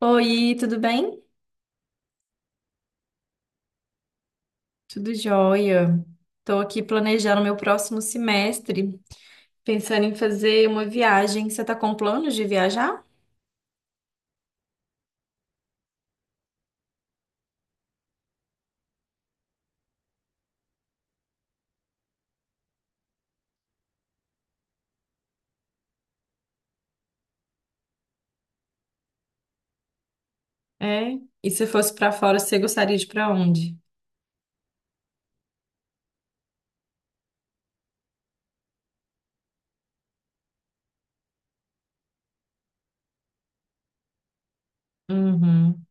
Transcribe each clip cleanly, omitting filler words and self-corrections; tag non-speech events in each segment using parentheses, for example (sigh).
Oi, tudo bem? Tudo jóia. Estou aqui planejando meu próximo semestre, pensando em fazer uma viagem. Você está com planos de viajar? É. E se fosse para fora, você gostaria de ir para onde? Uhum.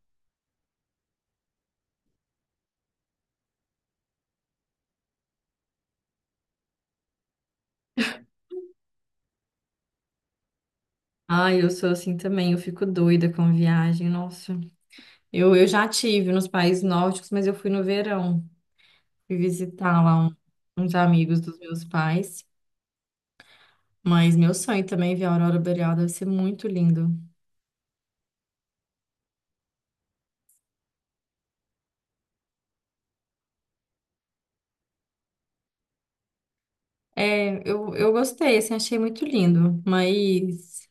Ah, eu sou assim também, eu fico doida com viagem, nossa. Eu já tive nos países nórdicos, mas eu fui no verão. Fui visitar lá uns amigos dos meus pais. Mas meu sonho também é ver a aurora boreal, deve ser muito lindo. É, eu gostei, assim, achei muito lindo, mas,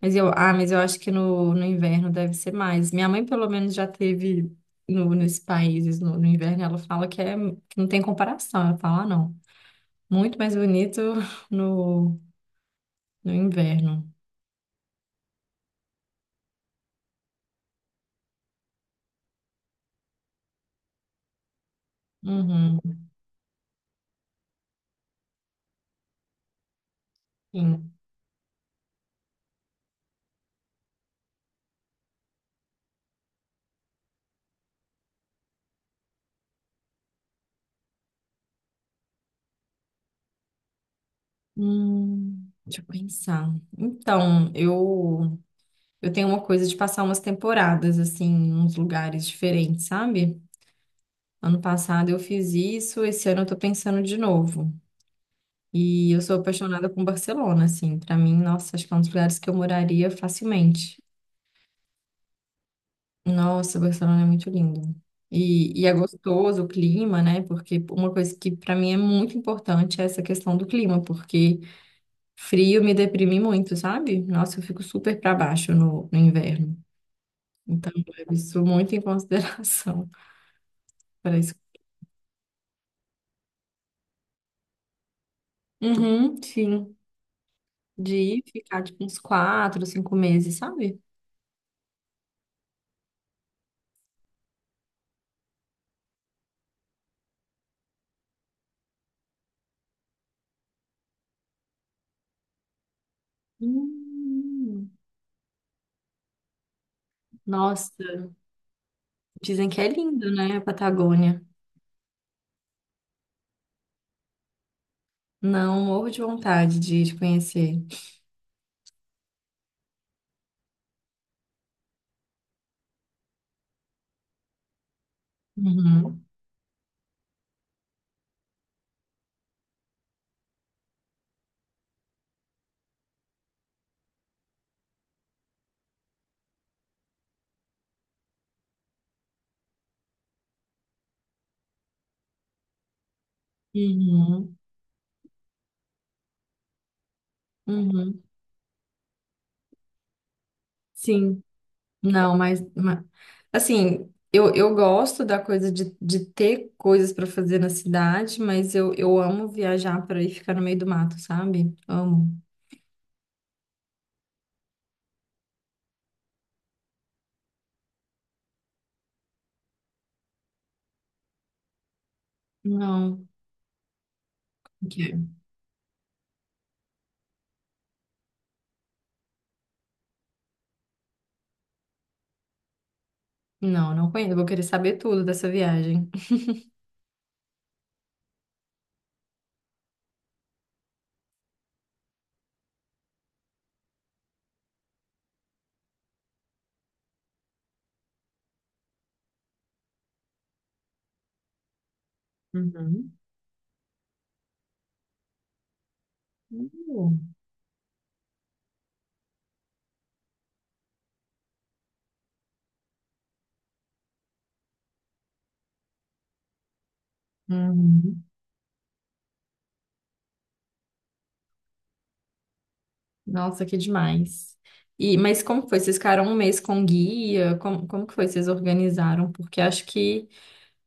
mas eu, ah, mas eu acho que no inverno deve ser mais. Minha mãe, pelo menos, já teve no, nesses países no inverno, ela fala que não tem comparação, ela fala, ah, não, muito mais bonito (laughs) no, no inverno. Uhum, sim. Deixa eu pensar. Então, eu tenho uma coisa de passar umas temporadas, assim, em uns lugares diferentes, sabe? Ano passado eu fiz isso, esse ano eu tô pensando de novo. E eu sou apaixonada com Barcelona, assim. Pra mim, nossa, acho que é um dos lugares que eu moraria facilmente. Nossa, Barcelona é muito lindo. E é gostoso o clima, né? Porque uma coisa que pra mim é muito importante é essa questão do clima, porque frio me deprime muito, sabe? Nossa, eu fico super pra baixo no inverno. Então, eu levo isso muito em consideração (laughs) para isso. Uhum, sim. De ir ficar tipo uns 4, 5 meses, sabe? Hum, Nossa, dizem que é lindo, né, a Patagônia. Não, morro de vontade de conhecer. Uhum, uhum, uhum. Sim, não, mas, assim, eu gosto da coisa de ter coisas para fazer na cidade, mas eu amo viajar para ir ficar no meio do mato, sabe? Amo. Não, não quero. Não, não conheço. Eu vou querer saber tudo dessa viagem. Uhum. Uhum. Nossa, que demais. E, mas como foi? Vocês ficaram um mês com guia? Como que foi? Vocês organizaram? Porque acho que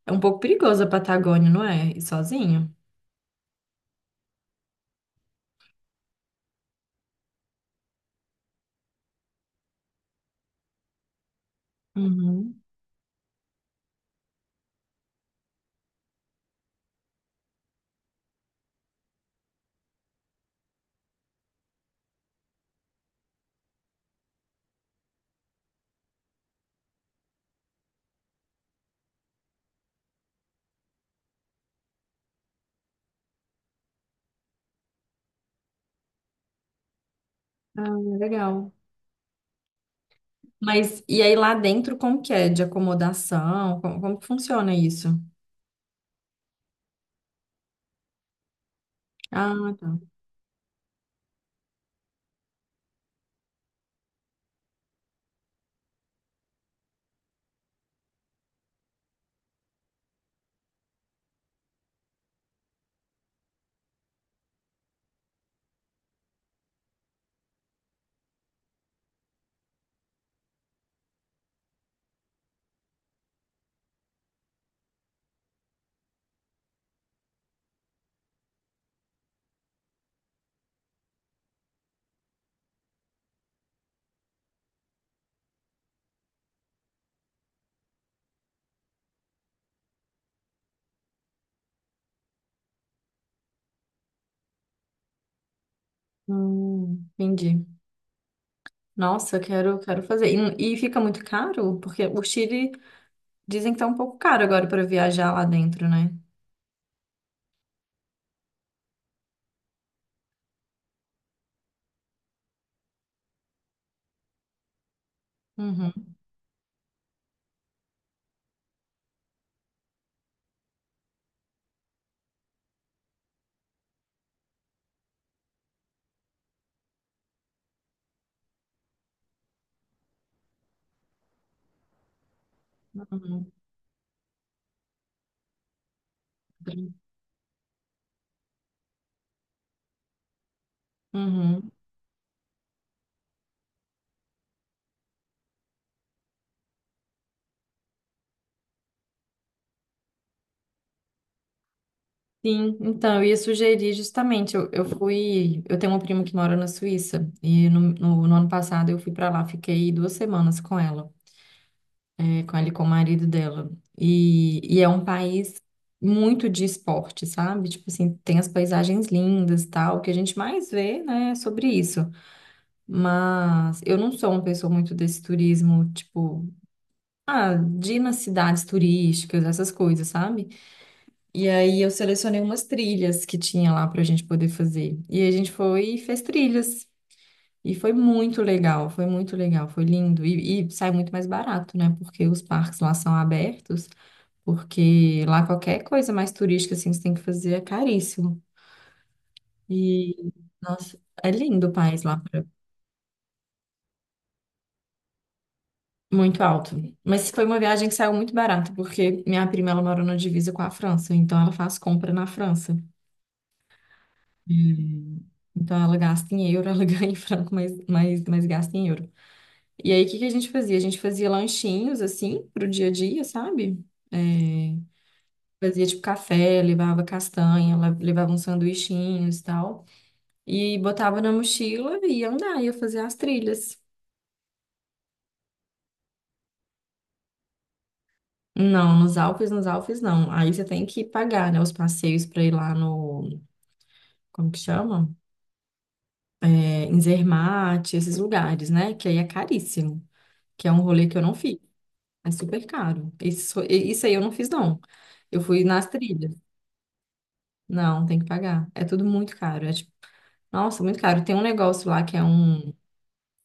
é um pouco perigoso a Patagônia, não é? Ir sozinho? Uhum. Ah, legal. Mas e aí lá dentro, como que é? De acomodação? Como que funciona isso? Ah, tá. Entendi. Nossa, eu quero fazer. E fica muito caro? Porque o Chile dizem que tá um pouco caro agora para viajar lá dentro, né? Uhum, uhum, uhum. Sim, então, eu ia sugerir justamente, eu tenho uma prima que mora na Suíça, e no ano passado eu fui para lá, fiquei 2 semanas com ela, com ela e com o marido dela, e é um país muito de esporte, sabe? Tipo assim, tem as paisagens lindas e tal, o que a gente mais vê, né, é sobre isso, mas eu não sou uma pessoa muito desse turismo, tipo, ah, de ir nas cidades turísticas, essas coisas, sabe? E aí eu selecionei umas trilhas que tinha lá pra gente poder fazer. E a gente foi e fez trilhas. E foi muito legal, foi muito legal, foi lindo. E sai muito mais barato, né? Porque os parques lá são abertos, porque lá qualquer coisa mais turística assim que você tem que fazer é caríssimo. E, nossa, é lindo o país lá, muito alto. Mas foi uma viagem que saiu muito barata, porque minha prima ela mora na divisa com a França, então ela faz compra na França. Hum, Então ela gasta em euro, ela (laughs) ganha em franco, mas gasta em euro. E aí o que que a gente fazia? A gente fazia lanchinhos assim pro dia a dia, sabe? É, fazia tipo café, levava castanha, levava uns sanduichinhos e tal. E botava na mochila e ia andar, ia fazer as trilhas. Não, nos Alpes não. Aí você tem que pagar, né, os passeios pra ir lá no, como que chama? É, em Zermatt, esses lugares, né? Que aí é caríssimo, que é um rolê que eu não fiz. É super caro. Isso aí eu não fiz, não. Eu fui nas trilhas. Não, tem que pagar. É tudo muito caro. É tipo, nossa, muito caro. Tem um negócio lá que é um.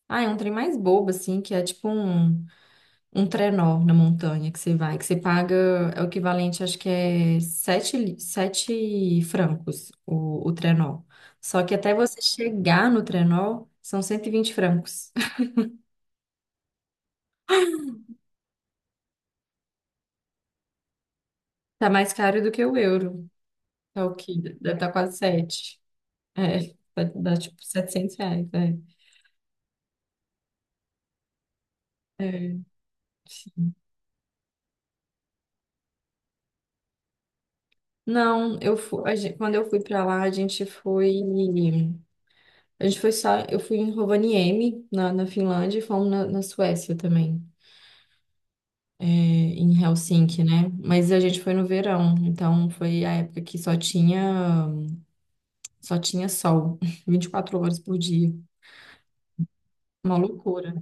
Ah, é um trem mais bobo, assim, que é tipo um trenó na montanha que você vai, que você paga. É o equivalente, acho que é sete francos o trenó. Só que até você chegar no trenó, são 120 francos. (laughs) Tá mais caro do que o euro. Tá o quê? Deve estar quase sete. É, vai dar tipo 700 reais, é. É. Não, eu fui, a gente, quando eu fui pra lá, a gente foi só, eu fui em Rovaniemi, na Finlândia, e fomos na Suécia também, em Helsinki, né? Mas a gente foi no verão, então foi a época que só tinha sol, (laughs) 24 horas por dia, uma loucura.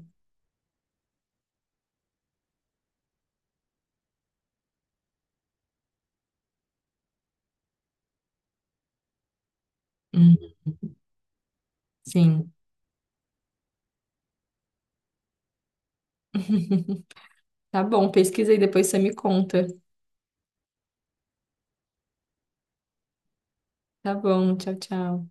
Hum, sim. (laughs) Tá bom, pesquisa aí, depois você me conta. Tá bom, tchau, tchau.